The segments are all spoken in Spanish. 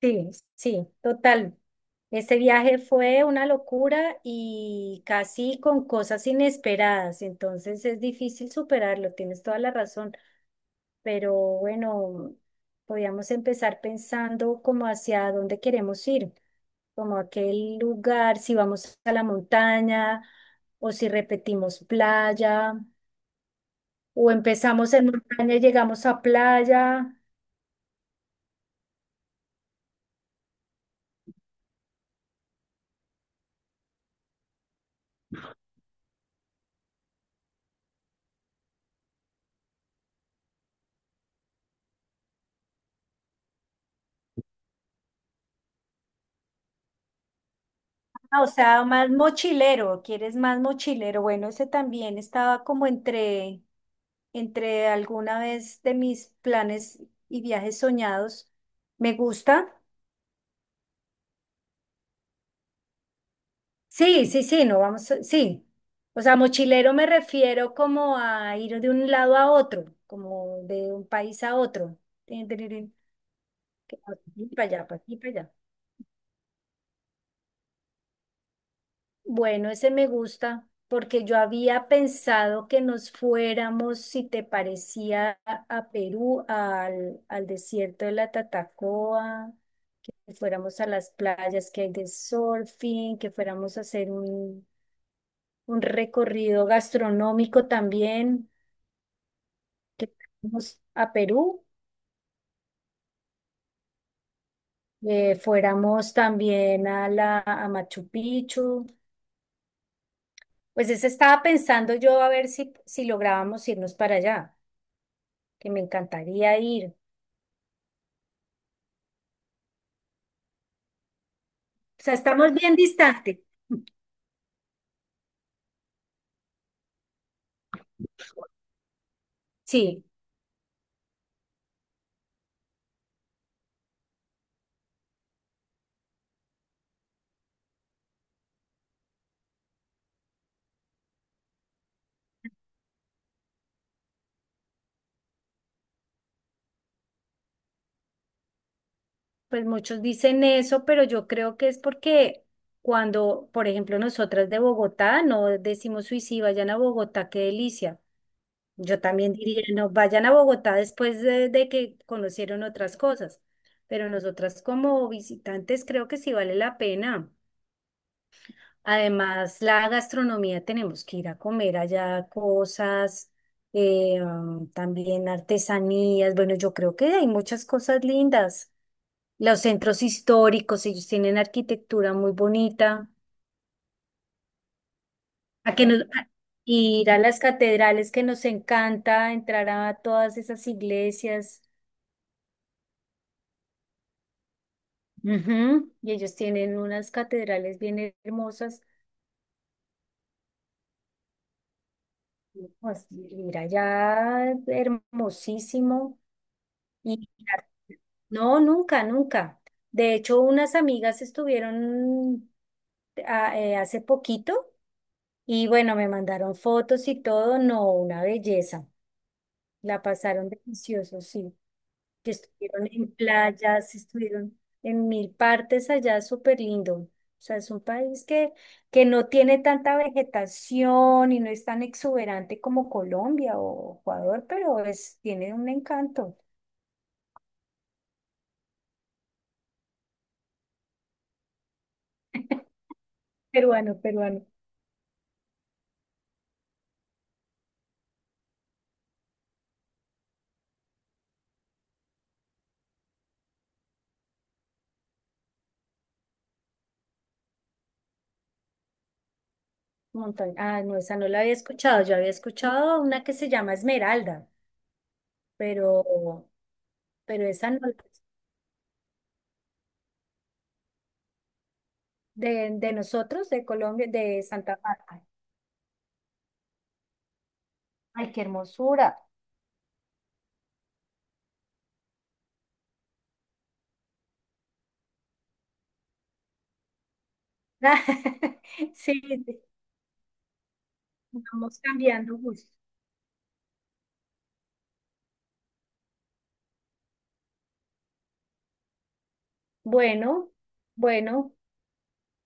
Sí, sí, total. Este viaje fue una locura y casi con cosas inesperadas, entonces es difícil superarlo, tienes toda la razón, pero bueno, podíamos empezar pensando como hacia dónde queremos ir, como aquel lugar, si vamos a la montaña o si repetimos playa o empezamos en montaña y llegamos a playa. Ah, o sea, más mochilero, ¿quieres más mochilero? Bueno, ese también estaba como entre, entre alguna vez de mis planes y viajes soñados. ¿Me gusta? Sí, sí, sí, no vamos, sí. O sea, mochilero me refiero como a ir de un lado a otro, como de un país a otro. Tin, tin, tin, tin, que pa' aquí, para allá, para aquí, para allá. Bueno, ese me gusta porque yo había pensado que nos fuéramos, si te parecía, a Perú, al, al desierto de la Tatacoa, que fuéramos a las playas que hay de surfing, que fuéramos a hacer un recorrido gastronómico también, que fuéramos a Perú, fuéramos también a la a Machu Picchu. Pues ese estaba pensando yo a ver si, si lográbamos irnos para allá, que me encantaría ir. O sea, estamos bien distantes. Sí, pues muchos dicen eso, pero yo creo que es porque cuando, por ejemplo, nosotras de Bogotá no decimos, uy, sí, vayan a Bogotá, qué delicia. Yo también diría, no, vayan a Bogotá después de que conocieron otras cosas. Pero nosotras como visitantes creo que sí vale la pena. Además, la gastronomía, tenemos que ir a comer allá cosas, también artesanías. Bueno, yo creo que hay muchas cosas lindas. Los centros históricos, ellos tienen arquitectura muy bonita. A que nos, a- ir a las catedrales que nos encanta, entrar a todas esas iglesias. Ujú. Y ellos tienen unas catedrales bien hermosas. Pues, ir allá, hermosísimo. Y no, nunca, nunca. De hecho, unas amigas estuvieron hace poquito y bueno, me mandaron fotos y todo. No, una belleza. La pasaron delicioso, sí. Que estuvieron en playas, estuvieron en mil partes allá, súper lindo. O sea, es un país que no tiene tanta vegetación y no es tan exuberante como Colombia o Ecuador, pero es, tiene un encanto. Peruano, peruano. Montaña. Ah, no, esa no la había escuchado. Yo había escuchado una que se llama Esmeralda, pero, pero esa no la- de nosotros, de Colombia, de Santa Marta. Ay, qué hermosura. Sí, sí, vamos cambiando gusto. Bueno, bueno,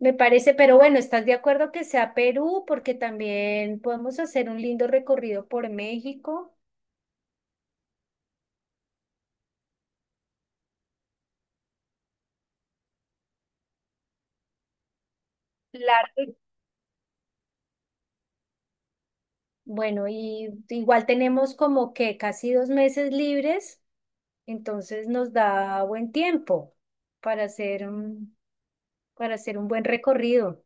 me parece, pero bueno, ¿estás de acuerdo que sea Perú? Porque también podemos hacer un lindo recorrido por México. Largo. Bueno, y igual tenemos como que casi dos meses libres. Entonces nos da buen tiempo para hacer un, para hacer un buen recorrido.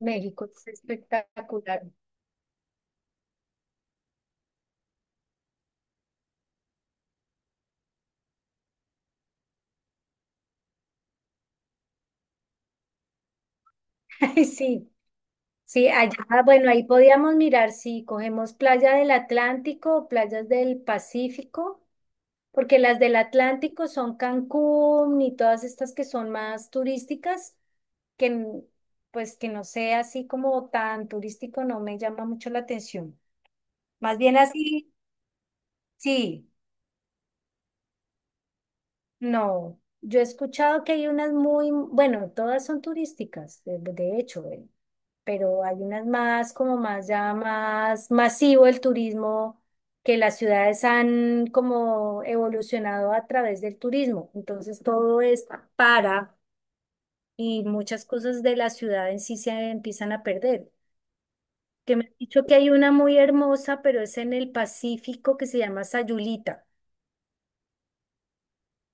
México es espectacular. Ay, sí, sí, allá, bueno, ahí podíamos mirar si cogemos playa del Atlántico o playas del Pacífico, porque las del Atlántico son Cancún y todas estas que son más turísticas, que n- pues que no sea así como tan turístico no me llama mucho la atención. Más bien así, sí. No, yo he escuchado que hay unas muy, bueno, todas son turísticas, de hecho, pero hay unas más, como más ya más masivo el turismo, que las ciudades han como evolucionado a través del turismo. Entonces todo es para y muchas cosas de la ciudad en sí se empiezan a perder. Que me han dicho que hay una muy hermosa, pero es en el Pacífico que se llama Sayulita.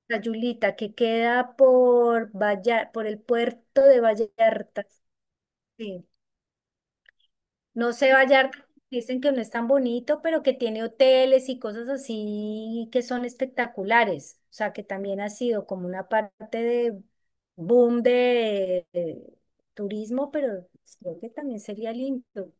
La Yulita, que queda por Vallar, por el puerto de Vallarta. Sí. No sé, Vallarta, dicen que no es tan bonito, pero que tiene hoteles y cosas así que son espectaculares. O sea, que también ha sido como una parte de boom de turismo, pero creo que también sería lindo.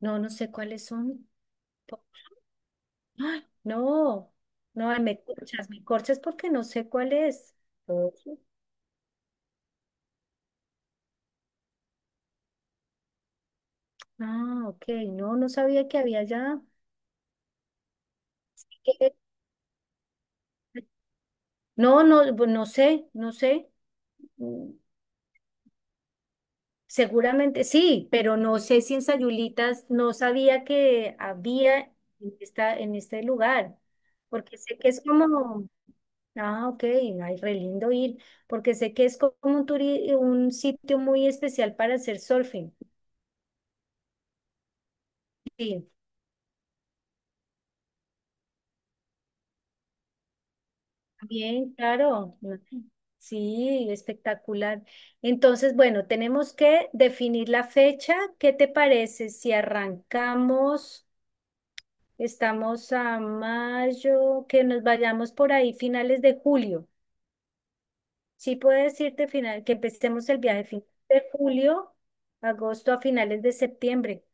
No, no sé cuáles son. Po- ¡Ay! No, no, ay, me corchas porque no sé cuál es. Ah, ok, no, no sabía que había ya. que- No, no, pues no sé, no sé. Mm, Seguramente sí, pero no sé si en Sayulitas no sabía que había en esta, en este lugar, porque sé que es como, ah, ok, ay, re lindo ir, porque sé que es como un sitio muy especial para hacer surfing. Sí. Bien, claro. Sí, espectacular. Entonces, bueno, tenemos que definir la fecha. ¿Qué te parece si arrancamos, estamos a mayo, que nos vayamos por ahí finales de julio? Sí, puedo decirte final, que empecemos el viaje finales de julio, agosto a finales de septiembre.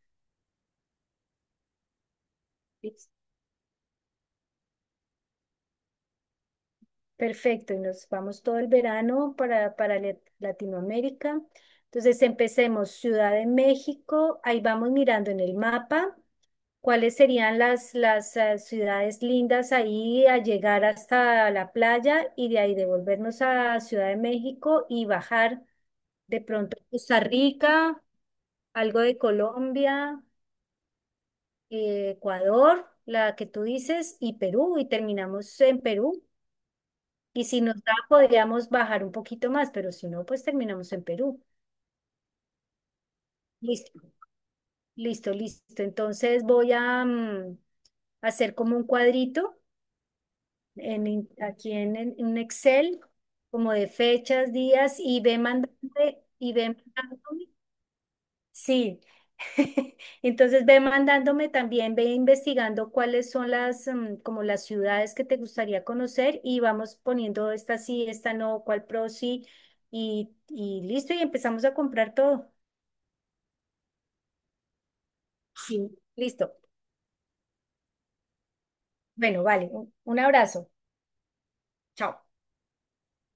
Perfecto, y nos vamos todo el verano para, para Latinoamérica. Entonces empecemos Ciudad de México, ahí vamos mirando en el mapa cuáles serían las, las ciudades lindas ahí a llegar hasta la playa y de ahí devolvernos a Ciudad de México y bajar de pronto a Costa Rica, algo de Colombia, Ecuador, la que tú dices, y Perú, y terminamos en Perú. Y si nos da, podríamos bajar un poquito más, pero si no, pues terminamos en Perú. Listo, listo, listo. Entonces voy a hacer como un cuadrito en, aquí en, en un Excel, como de fechas, días, y ve mandando, y ve mandándome. Sí, entonces ve mandándome también, ve investigando cuáles son las, como las ciudades que te gustaría conocer y vamos poniendo esta sí, esta no, cuál pro sí y listo y empezamos a comprar todo. Sí. Listo. Bueno, vale, un abrazo. Chao.